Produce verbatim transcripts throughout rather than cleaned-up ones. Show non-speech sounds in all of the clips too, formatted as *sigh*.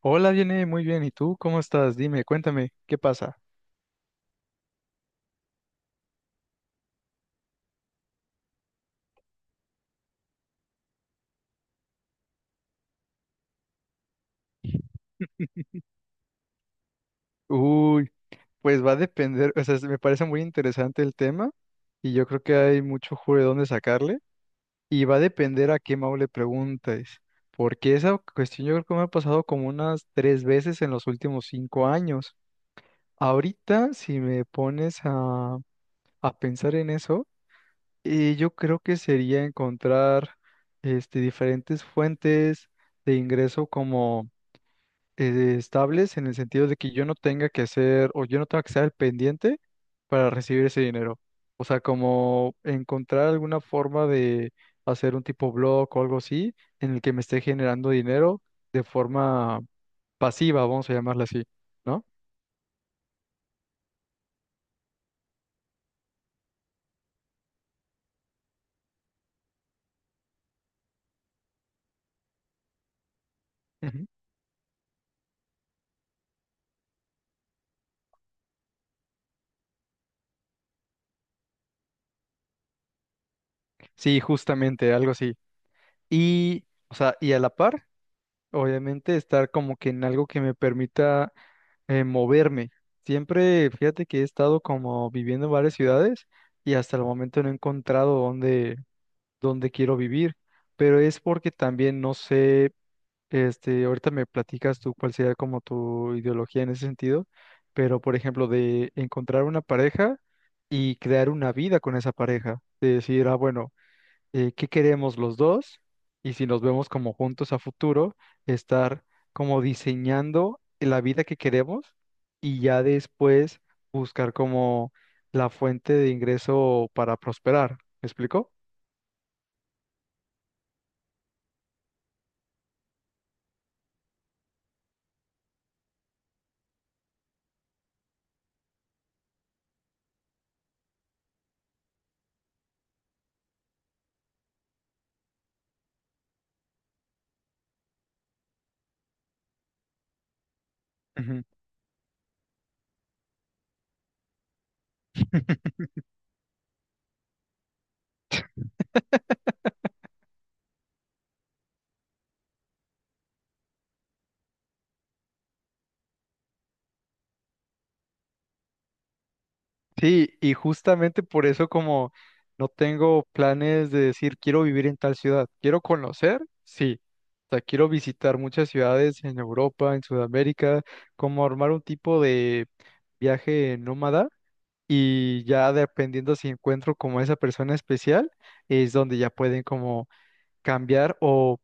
Hola, viene muy bien. ¿Y tú cómo estás? Dime, cuéntame, ¿qué pasa? Uy, pues va a depender, o sea, se- me parece muy interesante el tema y yo creo que hay mucho jugo de dónde sacarle y va a depender a qué Mau le preguntes, porque esa cuestión yo creo que me ha pasado como unas tres veces en los últimos cinco años. Ahorita, si me pones a, a pensar en eso, eh, yo creo que sería encontrar este, diferentes fuentes de ingreso eh, estables en el sentido de que yo no tenga que hacer o yo no tenga que estar al pendiente para recibir ese dinero. O sea, como encontrar alguna forma de hacer un tipo blog o algo así en el que me esté generando dinero de forma pasiva, vamos a llamarla así, ¿no? Ujú. Sí, justamente, algo así. Y, o sea, y a la par, obviamente, estar como que en algo que me permita eh, moverme. Siempre, fíjate que he estado como viviendo en varias ciudades y hasta el momento no he encontrado dónde, dónde quiero vivir, pero es porque también no sé, este, ahorita me platicas tú cuál sería como tu ideología en ese sentido, pero por ejemplo, de encontrar una pareja y crear una vida con esa pareja, de decir, ah, bueno, eh, qué queremos los dos y si nos vemos como juntos a futuro, estar como diseñando la vida que queremos y ya después buscar como la fuente de ingreso para prosperar. ¿Me explico? Ujú. *laughs* Sí, y justamente por eso como no tengo planes de decir quiero vivir en tal ciudad, quiero conocer, sí. O sea, quiero visitar muchas ciudades en Europa, en Sudamérica, como armar un tipo de viaje nómada y ya dependiendo si encuentro como esa persona especial, es donde ya pueden como cambiar o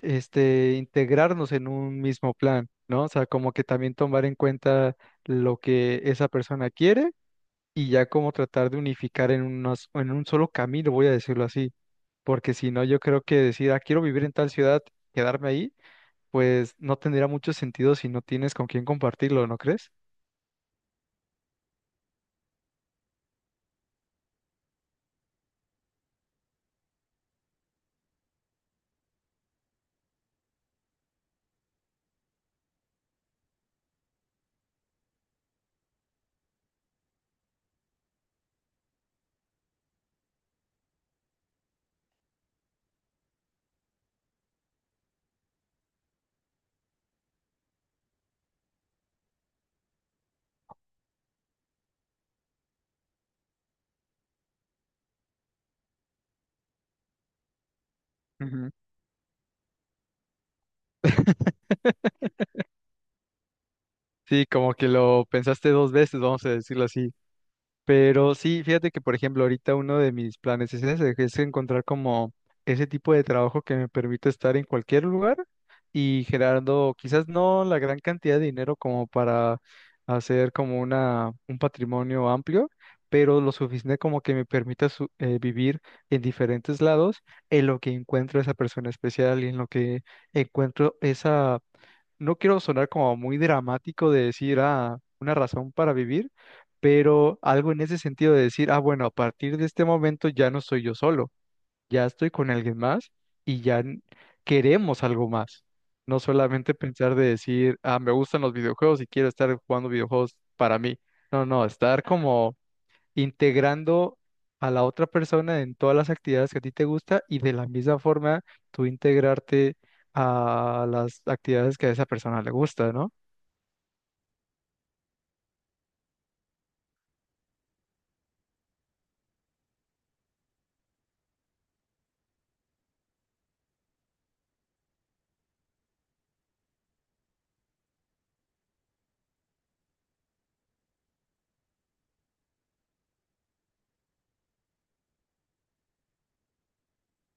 este integrarnos en un mismo plan, ¿no? O sea, como que también tomar en cuenta lo que esa persona quiere y ya como tratar de unificar en unos, en un solo camino, voy a decirlo así, porque si no, yo creo que decir, ah, quiero vivir en tal ciudad, quedarme ahí, pues no tendría mucho sentido si no tienes con quién compartirlo, ¿no crees? Ujú. *laughs* Sí, como que lo pensaste dos veces, vamos a decirlo así. Pero sí, fíjate que, por ejemplo, ahorita uno de mis planes es ese, que es encontrar como ese tipo de trabajo que me permita estar en cualquier lugar y generando quizás no la gran cantidad de dinero como para hacer como una, un patrimonio amplio, pero lo suficiente como que me permita su- eh, vivir en diferentes lados en lo que encuentro esa persona especial y en lo que encuentro esa no quiero sonar como muy dramático de decir, ah, una razón para vivir, pero algo en ese sentido de decir, ah, bueno, a partir de este momento ya no soy yo solo, ya estoy con alguien más y ya n- queremos algo más. No solamente pensar de decir, ah, me gustan los videojuegos y quiero estar jugando videojuegos para mí. No, no, estar como integrando a la otra persona en todas las actividades que a ti te gusta y de la misma forma tú integrarte a las actividades que a esa persona le gusta, ¿no?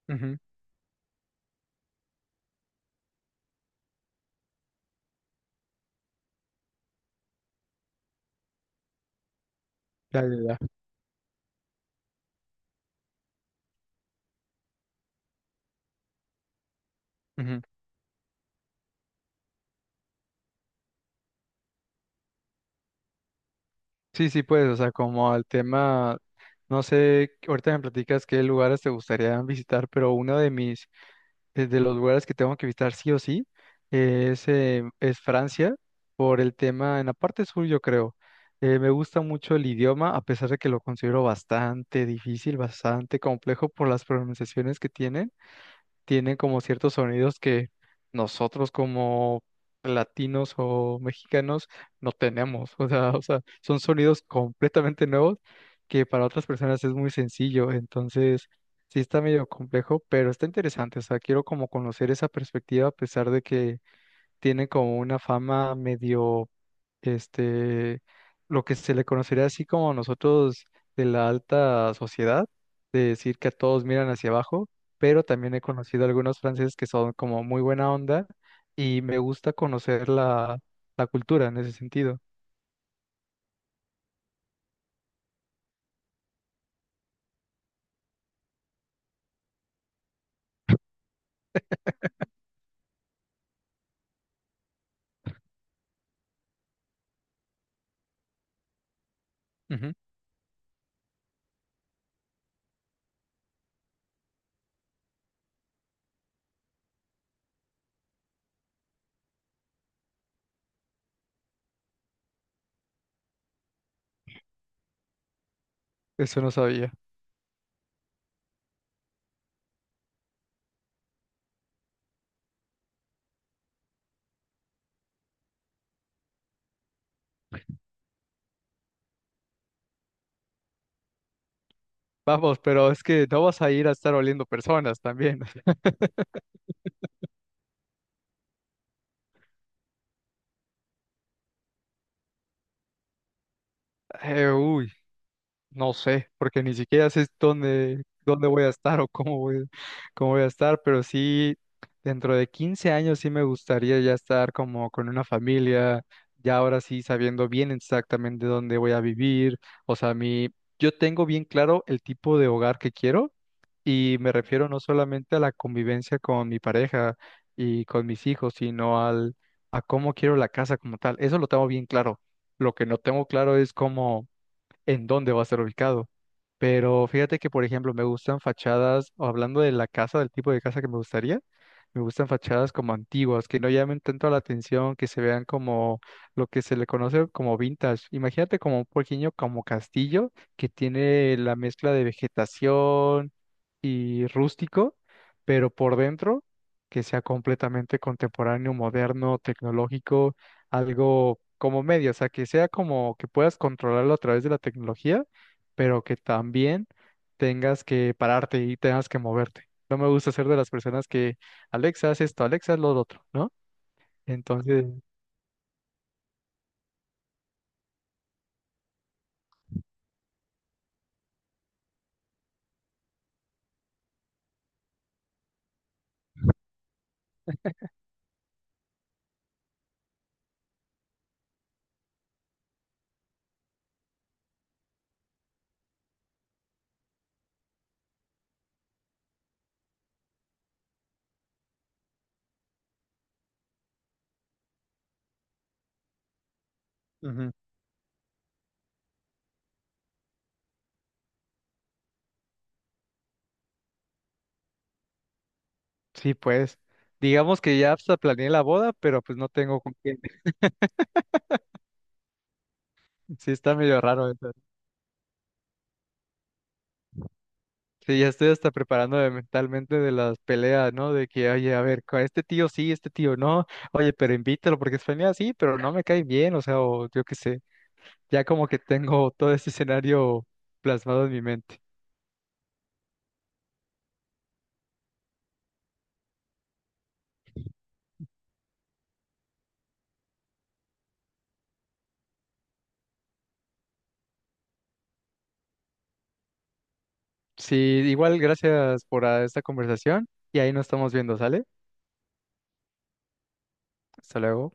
Ujú. Ya, ya, ya. Ujú. Sí, sí, pues, o sea, como al tema, no sé, ahorita me platicas qué lugares te gustaría visitar, pero uno de mis eh, de los lugares que tengo que visitar sí o sí eh, es, eh, es Francia, por el tema en la parte sur, yo creo. Eh, me gusta mucho el idioma, a pesar de que lo considero bastante difícil, bastante complejo por las pronunciaciones que tienen tienen como ciertos sonidos que nosotros como latinos o mexicanos no tenemos. *laughs* O sea, o sea, son sonidos completamente nuevos que para otras personas es muy sencillo. Entonces, sí está medio complejo, pero está interesante. O sea, quiero como conocer esa perspectiva a pesar de que tiene como una fama medio, este, lo que se le conocería así como nosotros de la alta sociedad, de decir que a todos miran hacia abajo, pero también he conocido algunos franceses que son como muy buena onda y me gusta conocer la, la cultura en ese sentido. Ujú. Eso no sabía. Vamos, pero es que no vas a ir a estar oliendo personas también. *laughs* Eh, uy. No sé, porque ni siquiera sé dónde, dónde voy a estar o cómo voy, cómo voy a estar, pero sí, dentro de quince años sí me gustaría ya estar como con una familia, ya ahora sí sabiendo bien exactamente dónde voy a vivir. O sea, mi, yo tengo bien claro el tipo de hogar que quiero y me refiero no solamente a la convivencia con mi pareja y con mis hijos, sino al, a cómo quiero la casa como tal. Eso lo tengo bien claro. Lo que no tengo claro es cómo en dónde va a ser ubicado. Pero fíjate que, por ejemplo, me gustan fachadas, o hablando de la casa, del tipo de casa que me gustaría, me gustan fachadas como antiguas, que no llamen tanto la atención, que se vean como lo que se le conoce como vintage. Imagínate como un pequeño como castillo que tiene la mezcla de vegetación y rústico, pero por dentro que sea completamente contemporáneo, moderno, tecnológico, algo como medio, o sea, que sea como que puedas controlarlo a través de la tecnología, pero que también tengas que pararte y tengas que moverte. No me gusta ser de las personas que, Alexa, haz esto, Alexa, haz lo otro, ¿no? Entonces, ujú, sí, pues, digamos que ya hasta planeé la boda, pero pues no tengo con quién. *laughs* Sí, está medio raro. Sí, ya estoy hasta preparándome mentalmente de las peleas, ¿no? De que, oye, a ver, con este tío sí, este tío no, oye, pero invítalo porque es familia, sí, pero no me cae bien, o sea, o yo qué sé, ya como que tengo todo ese escenario plasmado en mi mente. Sí, igual gracias por ah, esta conversación y ahí nos estamos viendo, ¿sale? Hasta luego.